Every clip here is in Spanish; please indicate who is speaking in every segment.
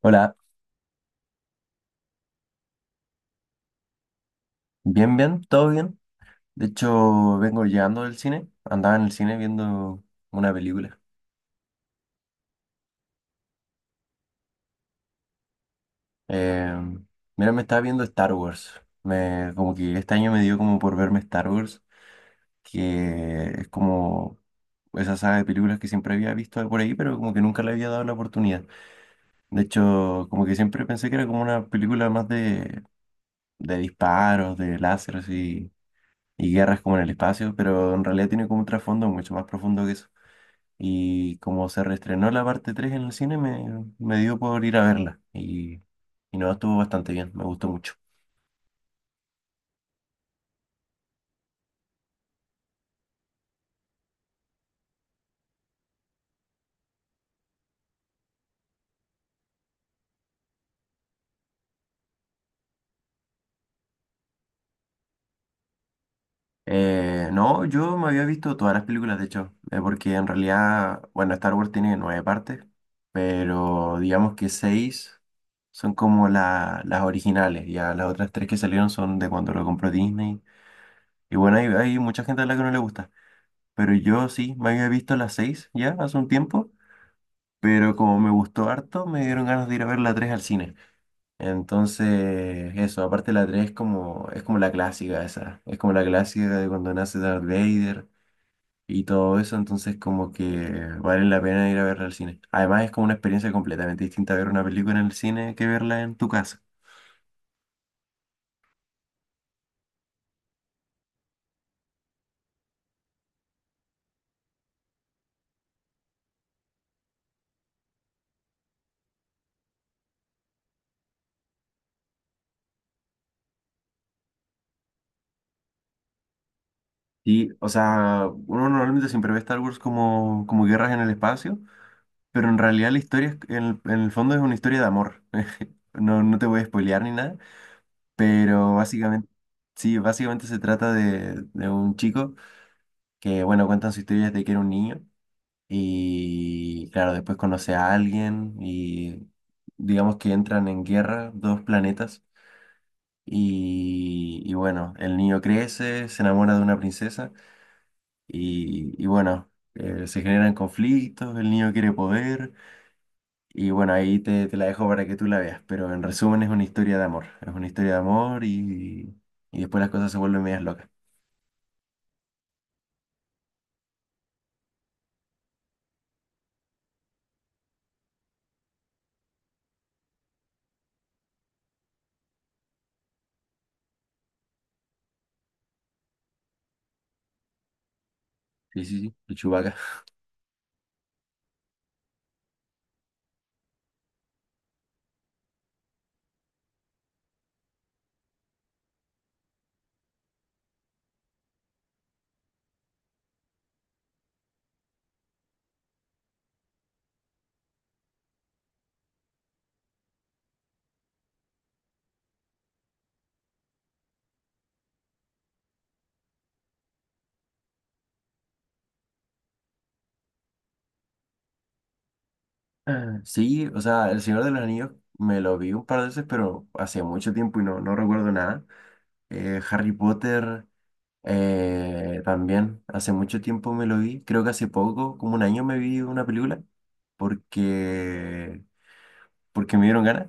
Speaker 1: Hola, bien, bien, todo bien. De hecho, vengo llegando del cine. Andaba en el cine viendo una película. Eh, mira, me estaba viendo Star Wars. Como que este año me dio como por verme Star Wars, que es como esa saga de películas que siempre había visto por ahí, pero como que nunca le había dado la oportunidad. De hecho, como que siempre pensé que era como una película más de disparos, de láseres y guerras como en el espacio, pero en realidad tiene como un trasfondo mucho más profundo que eso. Y como se reestrenó la parte 3 en el cine, me dio por ir a verla. Y no, estuvo bastante bien, me gustó mucho. No, yo me había visto todas las películas, de hecho, porque en realidad, bueno, Star Wars tiene nueve partes, pero digamos que seis son como las originales, ya las otras tres que salieron son de cuando lo compró Disney. Y bueno, hay mucha gente a la que no le gusta, pero yo sí, me había visto las seis ya hace un tiempo. Pero como me gustó harto, me dieron ganas de ir a ver la 3 al cine. Entonces, eso, aparte la 3 es como, la clásica esa, es como la clásica de cuando nace Darth Vader y todo eso, entonces como que vale la pena ir a verla al cine. Además es como una experiencia completamente distinta ver una película en el cine que verla en tu casa. Y, o sea, uno normalmente siempre ve Star Wars como guerras en el espacio, pero en realidad la historia, en el fondo es una historia de amor. No, no te voy a spoilear ni nada. Pero básicamente, sí, básicamente se trata de un chico que, bueno, cuentan su historia desde que era un niño y, claro, después conoce a alguien y digamos que entran en guerra dos planetas y bueno, el niño crece, se enamora de una princesa y bueno, se generan conflictos, el niño quiere poder y bueno, ahí te, la dejo para que tú la veas, pero en resumen es una historia de amor, es una historia de amor y después las cosas se vuelven medias locas. Sí, sí, sí, de Chewbacca. Ah. Sí, o sea, El Señor de los Anillos me lo vi un par de veces, pero hace mucho tiempo y no, no recuerdo nada. Harry Potter, también, hace mucho tiempo me lo vi. Creo que hace poco, como un año me vi una película, porque, porque me dieron ganas,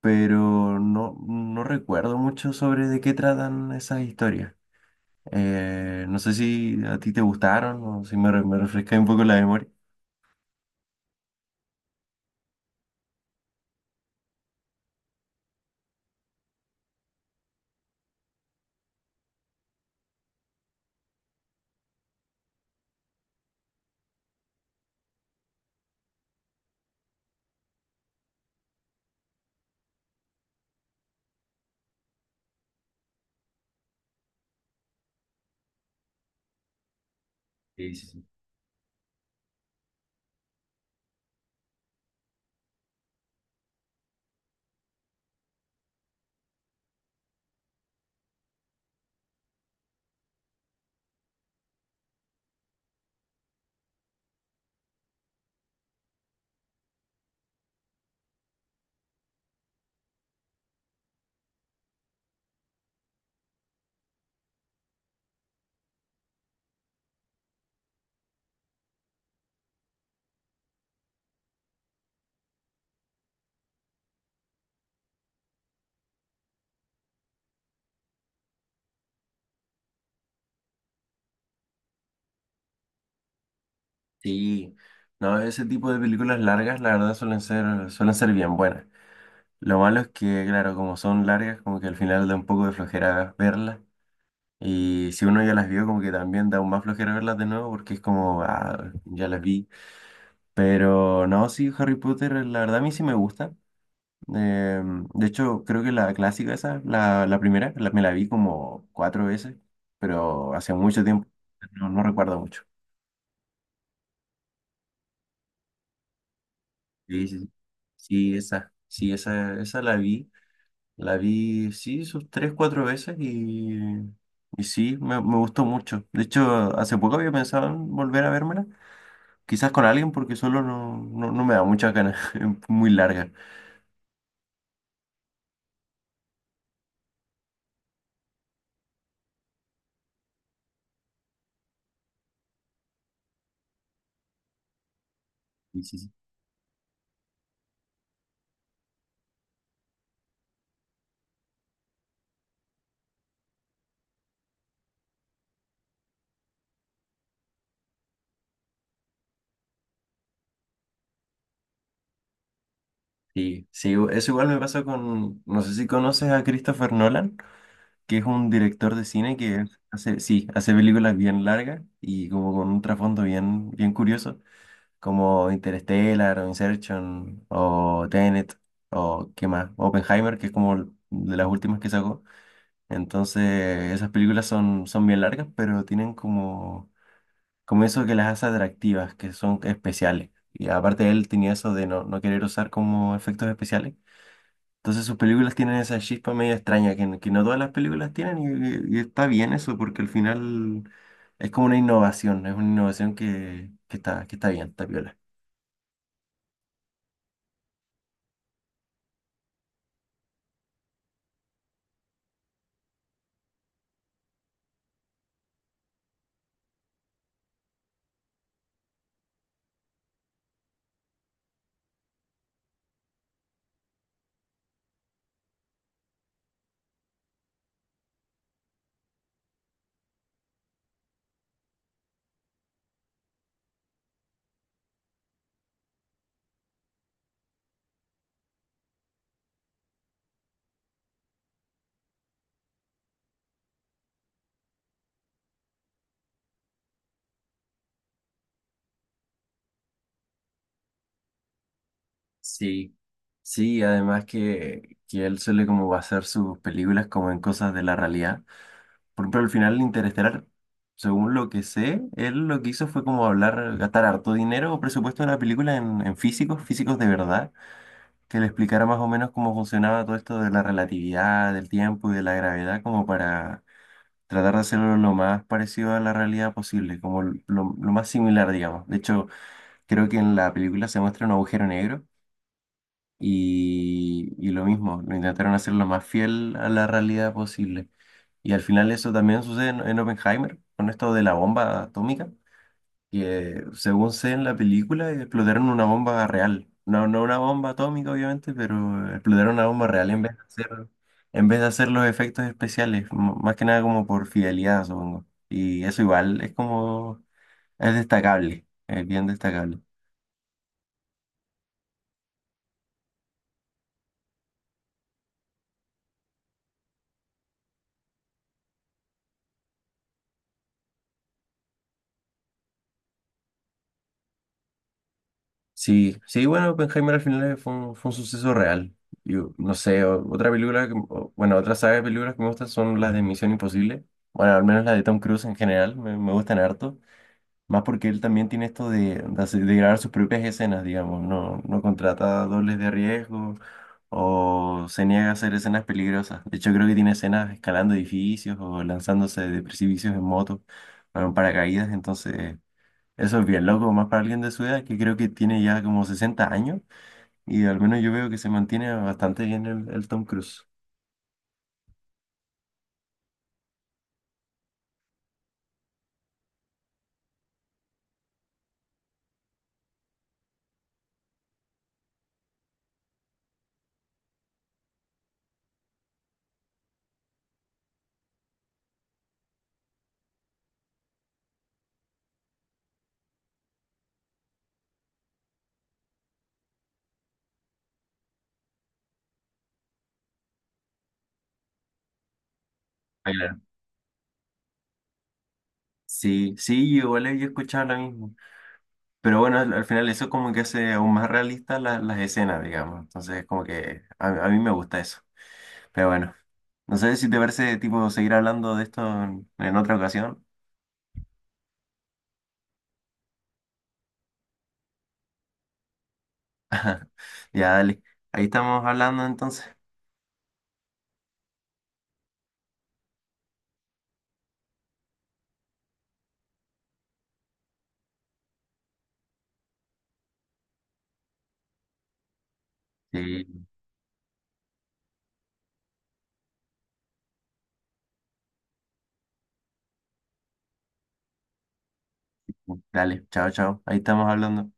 Speaker 1: pero no, no recuerdo mucho sobre de qué tratan esas historias. No sé si a ti te gustaron o si me refresca un poco la memoria. Sí, no, ese tipo de películas largas, la verdad, suelen ser bien buenas. Lo malo es que, claro, como son largas, como que al final da un poco de flojera verlas. Y si uno ya las vio, como que también da aún más flojera verlas de nuevo, porque es como, ah, ya las vi. Pero no, sí, Harry Potter, la verdad, a mí sí me gusta. Eh, de hecho, creo que la clásica esa, la primera, me la vi como cuatro veces, pero hace mucho tiempo, no recuerdo mucho. Sí, sí, sí. Sí, esa, esa la vi, sí, sus tres, cuatro veces y sí, me gustó mucho. De hecho, hace poco había pensado en volver a vérmela, quizás con alguien porque solo no, no, no me da muchas ganas, es muy larga. Sí, sí, sí. Sí, sí, eso igual me pasa con, no sé si conoces a Christopher Nolan, que es un director de cine que hace, sí, hace películas bien largas y como con un trasfondo bien, bien curioso. Como Interstellar o Inception o Tenet o qué más, Oppenheimer, que es como de las últimas que sacó. Entonces, esas películas son bien largas, pero tienen como, eso que las hace atractivas, que son especiales. Y aparte él tenía eso de no querer usar como efectos especiales. Entonces sus películas tienen esa chispa medio extraña que, que no todas las películas tienen y está bien eso porque al final es como una innovación, es una innovación que está, que está bien, está piola. Sí, sí, además que él suele como basar sus películas como en cosas de la realidad. Por ejemplo, al final Interestelar, según lo que sé, él lo que hizo fue como hablar, gastar harto dinero o presupuesto de la película en físicos, físicos de verdad, que le explicara más o menos cómo funcionaba todo esto de la relatividad, del tiempo y de la gravedad, como para tratar de hacerlo lo más parecido a la realidad posible, como lo más similar, digamos. De hecho, creo que en la película se muestra un agujero negro y lo mismo, lo intentaron hacer lo más fiel a la realidad posible. Y al final eso también sucede en Oppenheimer, con esto de la bomba atómica, que según sé en la película explotaron una bomba real. No, no una bomba atómica, obviamente, pero explotaron una bomba real en vez de hacer los efectos especiales, más que nada como por fidelidad, supongo. Y eso igual es como, es destacable, es bien destacable. Sí, sí, bueno, Oppenheimer al final fue un suceso real. Yo, no sé, otra película, bueno, otra saga de películas que me gustan son las de Misión Imposible. Bueno, al menos las de Tom Cruise en general, me gustan harto. Más porque él también tiene esto de grabar sus propias escenas, digamos. No, no contrata dobles de riesgo o se niega a hacer escenas peligrosas. De hecho, creo que tiene escenas escalando edificios o lanzándose de precipicios en moto, bueno, en paracaídas, entonces. Eso es bien loco, más para alguien de su edad, que creo que tiene ya como 60 años, y al menos yo veo que se mantiene bastante bien el Tom Cruise. Ah, claro. Sí, sí, igual yo he escuchado lo mismo. Pero bueno, al final eso como que hace aún más realistas las escenas, digamos. Entonces, como que a mí me gusta eso. Pero bueno, no sé si te parece, tipo, seguir hablando de esto en otra ocasión. Ya, dale. Ahí estamos hablando entonces. Sí, dale. Chao, chao. Ahí estamos hablando.